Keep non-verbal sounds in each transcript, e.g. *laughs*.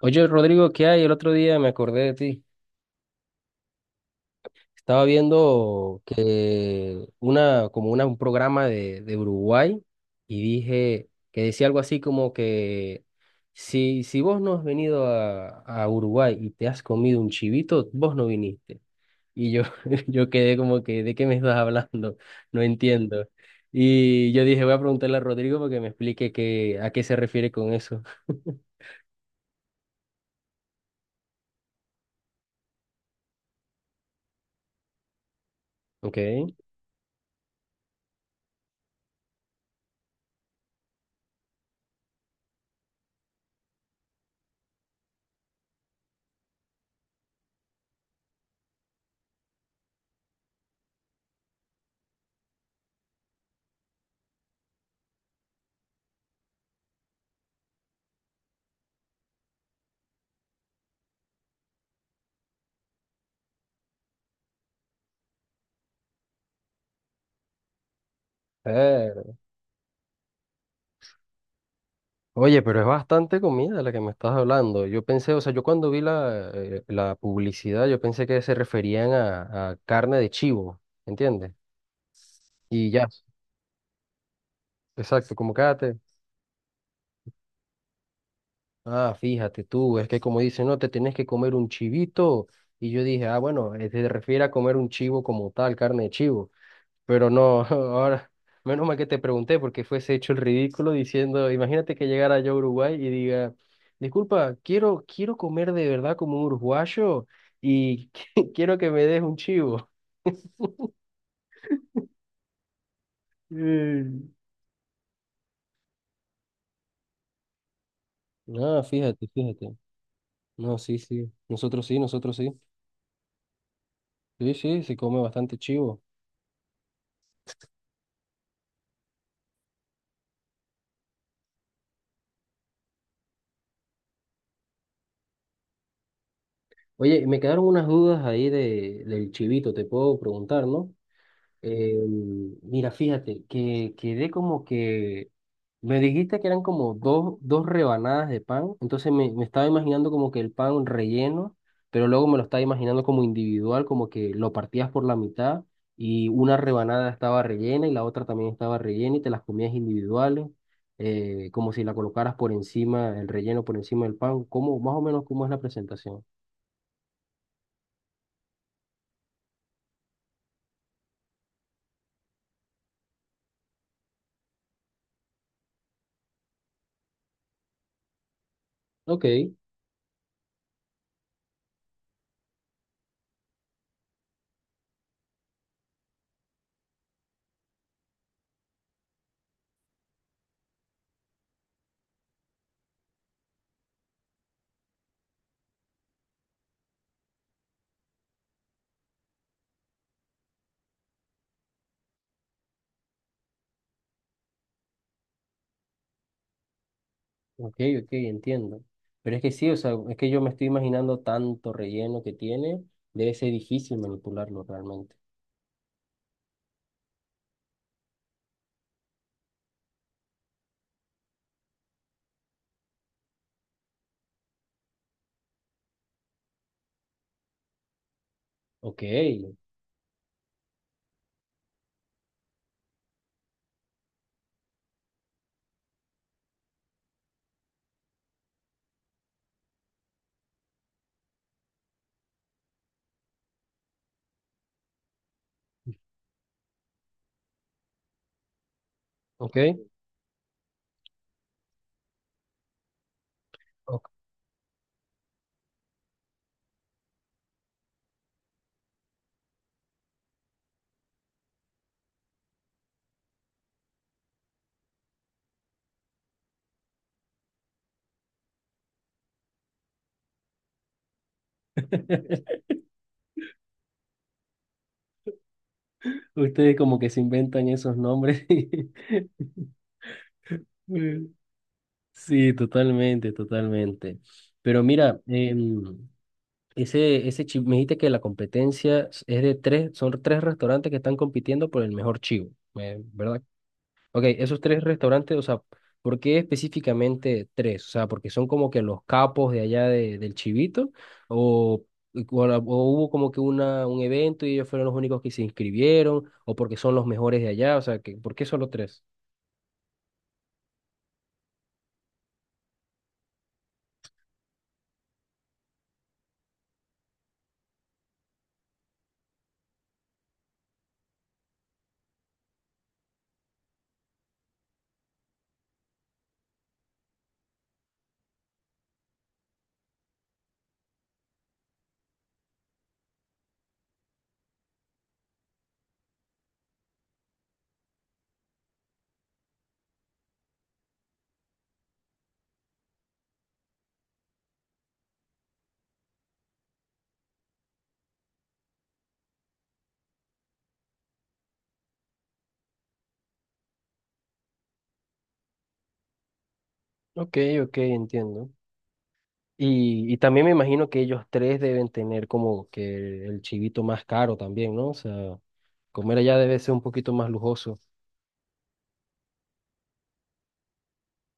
Oye, Rodrigo, ¿qué hay? El otro día me acordé de ti. Estaba viendo que una, como una, un programa de Uruguay y dije que decía algo así como que si vos no has venido a Uruguay y te has comido un chivito, vos no viniste. Y yo, *laughs* yo quedé como que, ¿de qué me estás hablando? *laughs* No entiendo. Y yo dije, voy a preguntarle a Rodrigo para que me explique a qué se refiere con eso. *laughs* Ok. Eh, Oye, pero es bastante comida la que me estás hablando. Yo pensé, o sea, yo cuando vi la, la publicidad, yo pensé que se referían a carne de chivo, ¿entiendes? Y ya, exacto, como cágate. Ah, fíjate tú, es que como dicen, no, te tienes que comer un chivito. Y yo dije, ah, bueno, se refiere a comer un chivo como tal, carne de chivo. Pero no, *laughs* ahora, menos mal que te pregunté porque fuese hecho el ridículo diciendo, imagínate que llegara yo a Uruguay y diga, disculpa, quiero comer de verdad como un uruguayo y *laughs* quiero que me des un chivo. Mm. No, fíjate, fíjate. No, sí, sí. Nosotros sí, nosotros sí. Sí, sí, se come bastante chivo. Oye, me quedaron unas dudas ahí de, del chivito, te puedo preguntar, ¿no? Eh, mira, fíjate, que quedé como que me dijiste que eran como dos rebanadas de pan, entonces me estaba imaginando como que el pan relleno, pero luego me lo estaba imaginando como individual, como que lo partías por la mitad y una rebanada estaba rellena y la otra también estaba rellena y te las comías individuales, como si la colocaras por encima, el relleno por encima del pan, cómo más o menos cómo es la presentación. Ok, ok, ok, entiendo. Pero es que sí, o sea, es que yo me estoy imaginando tanto relleno que tiene, debe ser difícil manipularlo realmente. Ok, ok, ok. *laughs* Ustedes como que se inventan esos nombres. *laughs* Sí, totalmente, totalmente. Pero mira, ese chivo, me dijiste que la competencia es de tres, son tres restaurantes que están compitiendo por el mejor chivo, ¿verdad? Ok, esos tres restaurantes, o sea, ¿por qué específicamente tres? O sea, porque son como que los capos de allá de, del chivito, o, o hubo como que un evento y ellos fueron los únicos que se inscribieron, o porque son los mejores de allá, o sea, que, ¿por qué solo tres? Ok, ok, entiendo. Y también me imagino que ellos tres deben tener como que el chivito más caro también, ¿no? O sea, comer allá debe ser un poquito más lujoso.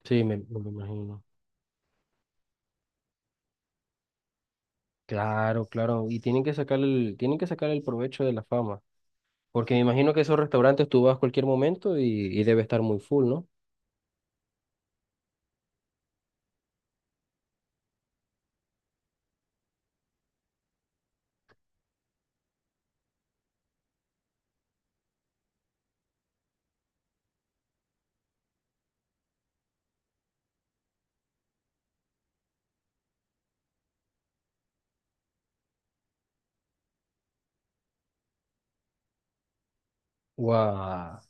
Sí, me lo imagino. Claro, claro, y tienen que sacar tienen que sacar el provecho de la fama, porque me imagino que esos restaurantes tú vas a cualquier momento y debe estar muy full, ¿no? Wow,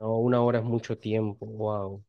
no, una hora es mucho tiempo, wow.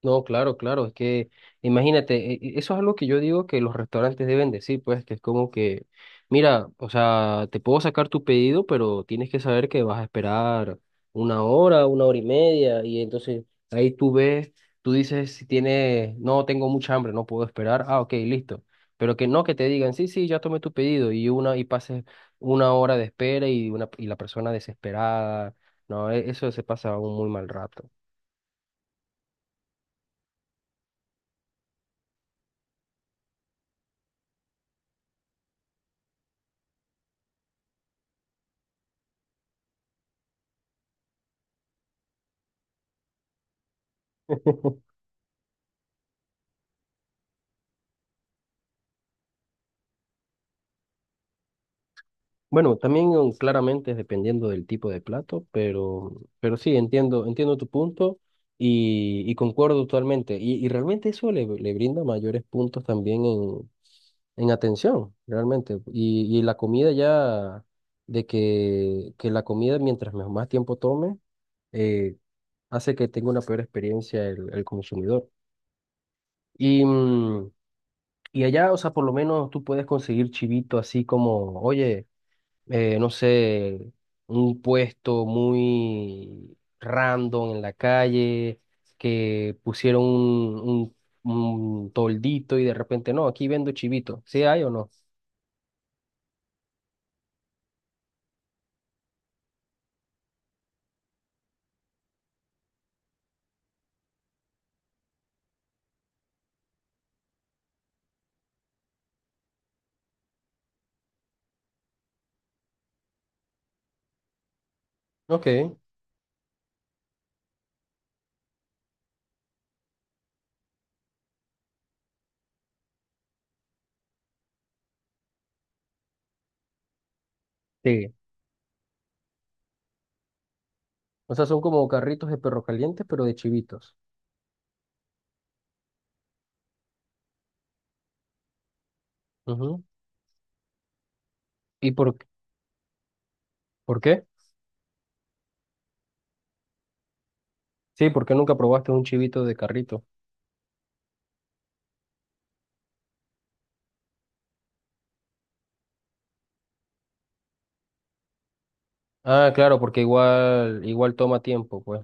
No, claro, claro, es que imagínate, eso es algo que yo digo que los restaurantes deben decir, pues, que es como que, mira, o sea, te puedo sacar tu pedido, pero tienes que saber que vas a esperar una hora y media, y entonces ahí tú ves, tú dices si tienes, no, tengo mucha hambre, no puedo esperar, ah, ok, listo, pero que no, que te digan, sí, sí, ya tomé tu pedido, y pases una hora de espera y la persona desesperada, no, eso se pasa un muy mal rato. Bueno, también claramente es dependiendo del tipo de plato, pero sí, entiendo, entiendo tu punto y concuerdo totalmente. Y realmente eso le, le brinda mayores puntos también en atención, realmente. Y la comida ya, de que la comida mientras más tiempo tome, eh, hace que tenga una peor experiencia el consumidor. Y, y allá, o sea, por lo menos tú puedes conseguir chivito así como, oye no sé, un puesto muy random en la calle, que pusieron un, un toldito y de repente, no, aquí vendo chivito, ¿sí hay o no? Ok. Sí. O sea, son como carritos de perro calientes, pero de chivitos. Ujú. ¿Y por qué? Sí, porque nunca probaste un chivito de carrito. Ah, claro, porque igual, igual toma tiempo, pues.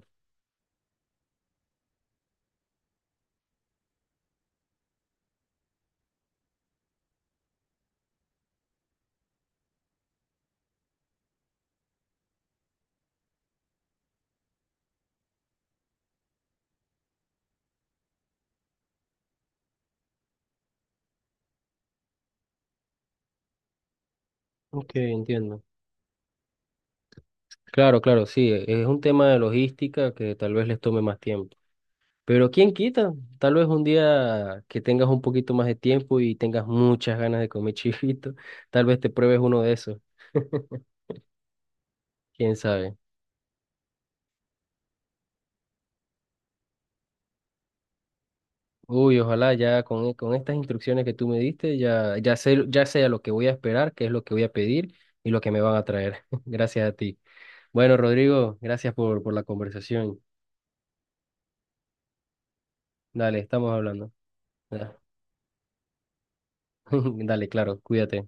Ok, entiendo. Claro, claro, sí, es un tema de logística que tal vez les tome más tiempo. Pero quién quita, tal vez un día que tengas un poquito más de tiempo y tengas muchas ganas de comer *laughs* chivito, tal vez te pruebes uno de esos, *laughs* quién sabe. Uy, ojalá ya con, con estas instrucciones que tú me diste, ya, ya sé a lo que voy a esperar, qué es lo que voy a pedir y lo que me van a traer. *laughs* Gracias a ti. Bueno, Rodrigo, gracias por la conversación. Dale, estamos hablando. *laughs* Dale, claro, cuídate.